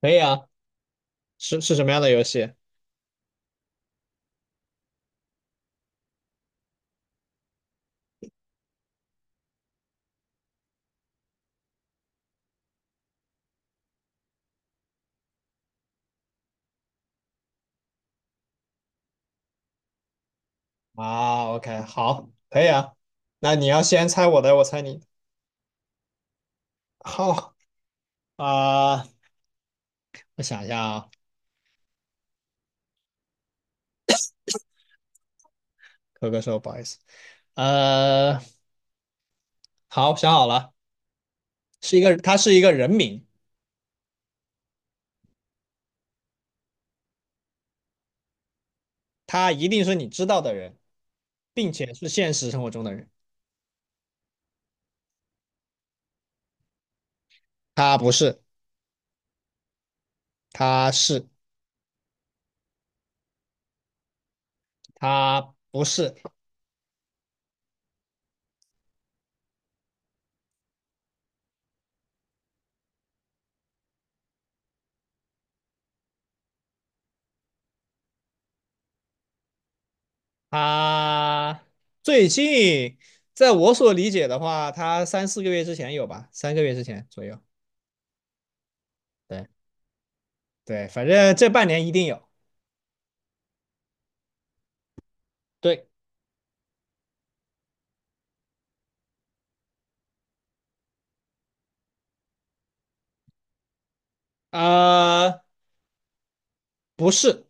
可以啊，是什么样的游戏啊？OK，好，可以啊。那你要先猜我的，我猜你的好啊，我想一下啊，可说不好意思。呃，好，想好了，是一个，他是一个人名，他一定是你知道的人，并且是现实生活中的人。他不是，他是，他不是，他最近，在我所理解的话，他三四个月之前有吧，3个月之前左右。对。对，反正这半年一定有。对，呃，不是，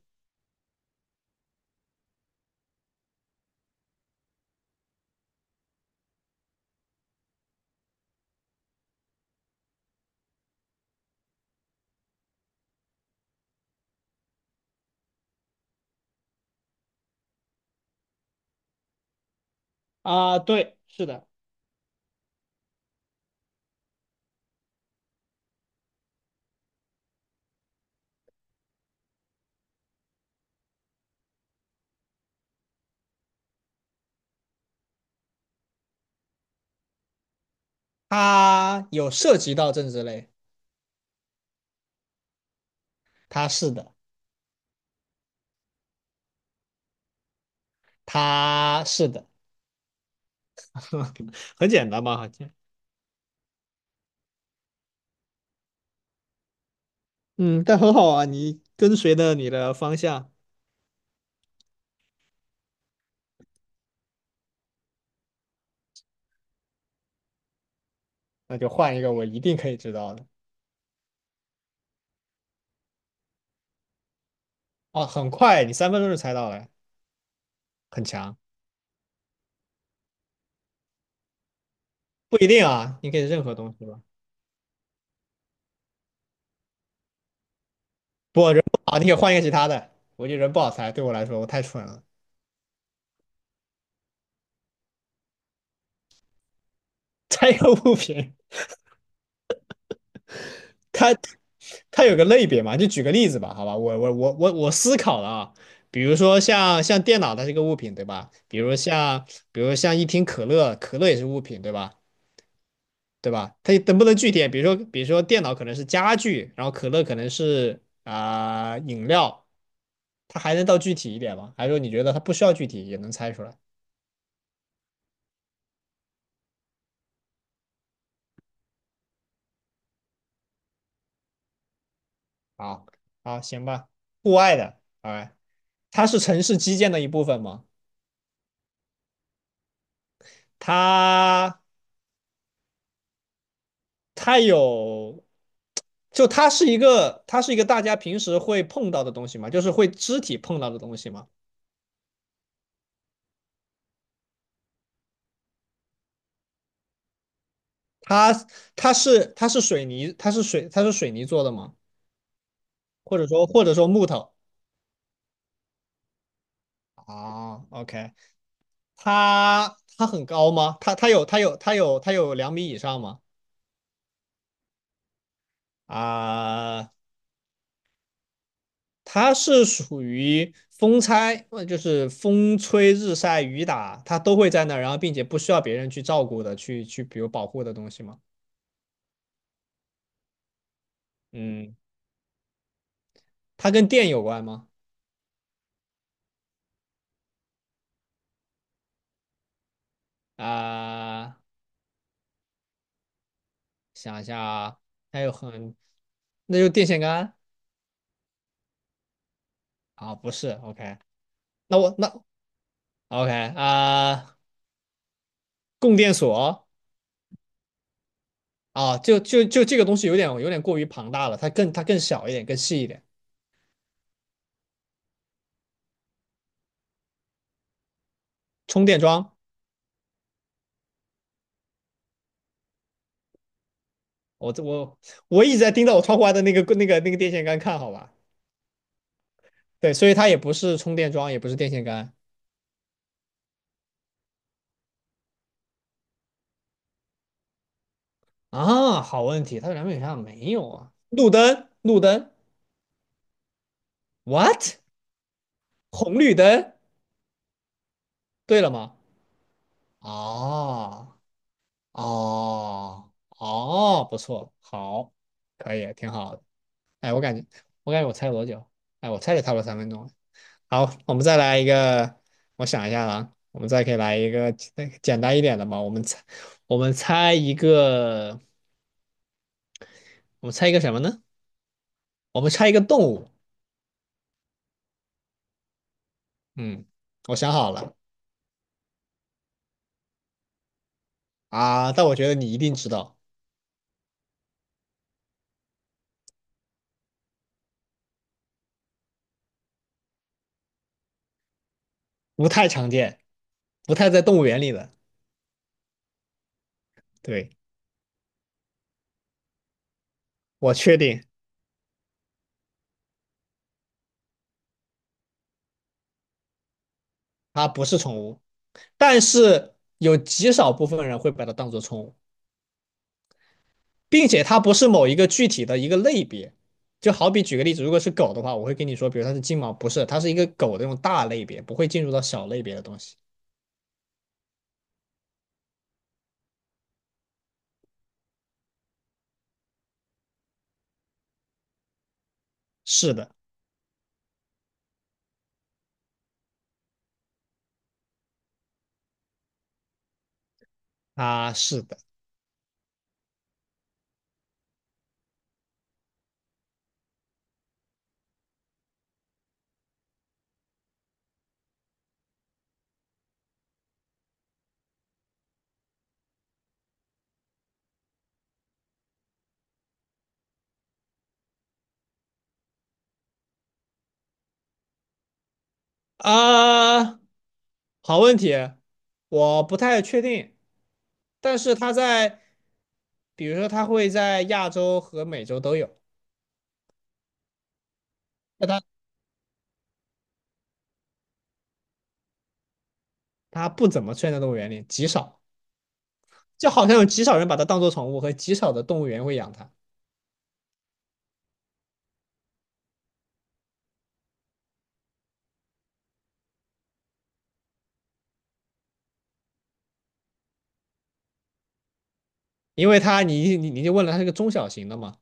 啊，对，是的，他有涉及到政治类，他是的，他是的，很简单嘛，好像，嗯，但很好啊，你跟随着你的方向，那就换一个我一定可以知道的。哦，很快，你三分钟就猜到了，很强。不一定啊，你可以任何东西吧。不，人不好，你可以换一个其他的。我觉得人不好猜，对我来说我太蠢了。猜一个物品，它它有个类别嘛，就举个例子吧，好吧，我思考了啊，比如说像电脑，它是个物品，对吧？比如像一听可乐，可乐也是物品，对吧？对吧？它能不能具体点？比如说电脑可能是家具，然后可乐可能是饮料，它还能到具体一点吗？还是说你觉得它不需要具体也能猜出来？好，好，行吧，户外的，哎，它是城市基建的一部分吗？它它有，就它是一个，大家平时会碰到的东西嘛，就是会肢体碰到的东西嘛。它它是水泥，它是水泥做的吗？或者说木头啊？OK，它很高吗？它有2米以上吗？啊，它是属于风拆，就是风吹日晒雨打，它都会在那儿，然后并且不需要别人去照顾的，去比如保护的东西吗？嗯。它跟电有关吗？啊、想一下啊，还有很，那就电线杆啊，不是，OK，那我那 OK 啊、供电所啊，就这个东西有点过于庞大了，它更小一点，更细一点，充电桩，我这我我一直在盯着我窗户外的那个电线杆看，好吧？对，所以它也不是充电桩，也不是电线杆啊，好问题，它这两边有啥没有啊？路灯，路灯，what？红绿灯，对了吗？哦哦哦，不错，好，可以，挺好的。哎，我感觉，我猜了多久？哎，我猜也差不多三分钟了好，我们再来一个，我想一下啊，我们再可以来一个简单一点的吧。我们猜，我们猜一个，我们猜一个什么呢？我们猜一个动物。嗯，我想好了啊，但我觉得你一定知道，不太常见，不太在动物园里的。对，我确定它不是宠物。但是有极少部分人会把它当做宠物，并且它不是某一个具体的一个类别。就好比举个例子，如果是狗的话，我会跟你说，比如它是金毛，不是，它是一个狗的那种大类别，不会进入到小类别的东西。是的，啊，是的，啊，好问题，我不太确定，但是它在，比如说它会在亚洲和美洲都有，那它不怎么出现在动物园里，极少，就好像有极少人把它当做宠物，和极少的动物园会养它。因为它你就问了，它是个中小型的嘛？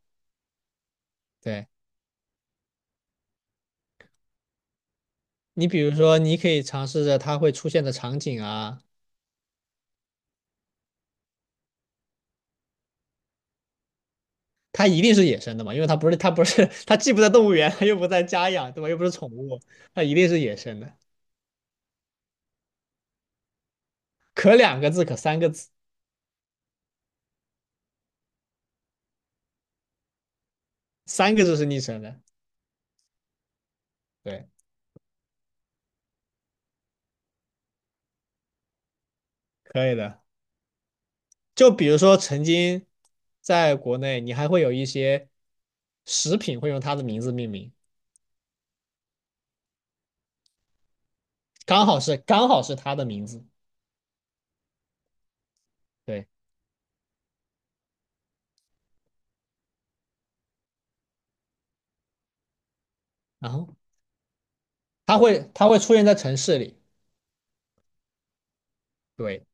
对你比如说，你可以尝试着它会出现的场景啊，它一定是野生的嘛，因为它不是它不是它既不在动物园，它又不在家养，对吧？又不是宠物，它一定是野生的。可两个字，可三个字，三个字是拟声的，对，可以的。就比如说，曾经在国内，你还会有一些食品会用它的名字命名，刚好是它的名字，对，然后它会出现在城市里。对。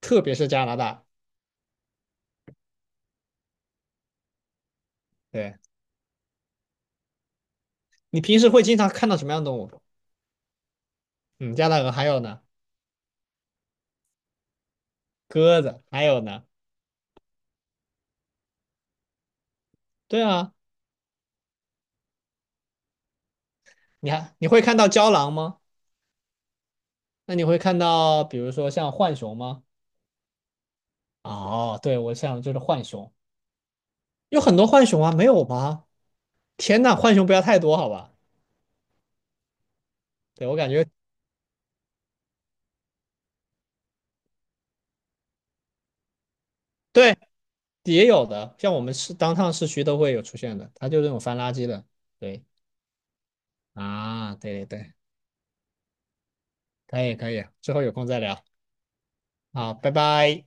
特别是加拿大。对，你平时会经常看到什么样的动物？嗯，加拿大鹅还有呢，鸽子还有呢。对啊，你会看到郊狼吗？那你会看到比如说像浣熊吗？哦，对，我想就是浣熊，有很多浣熊啊，没有吧？天呐，浣熊不要太多，好吧？对，我感觉对也有的，像我们市当趟市区都会有出现的，它就是那种翻垃圾的。对啊，对对对，可以可以，之后有空再聊。好，拜拜。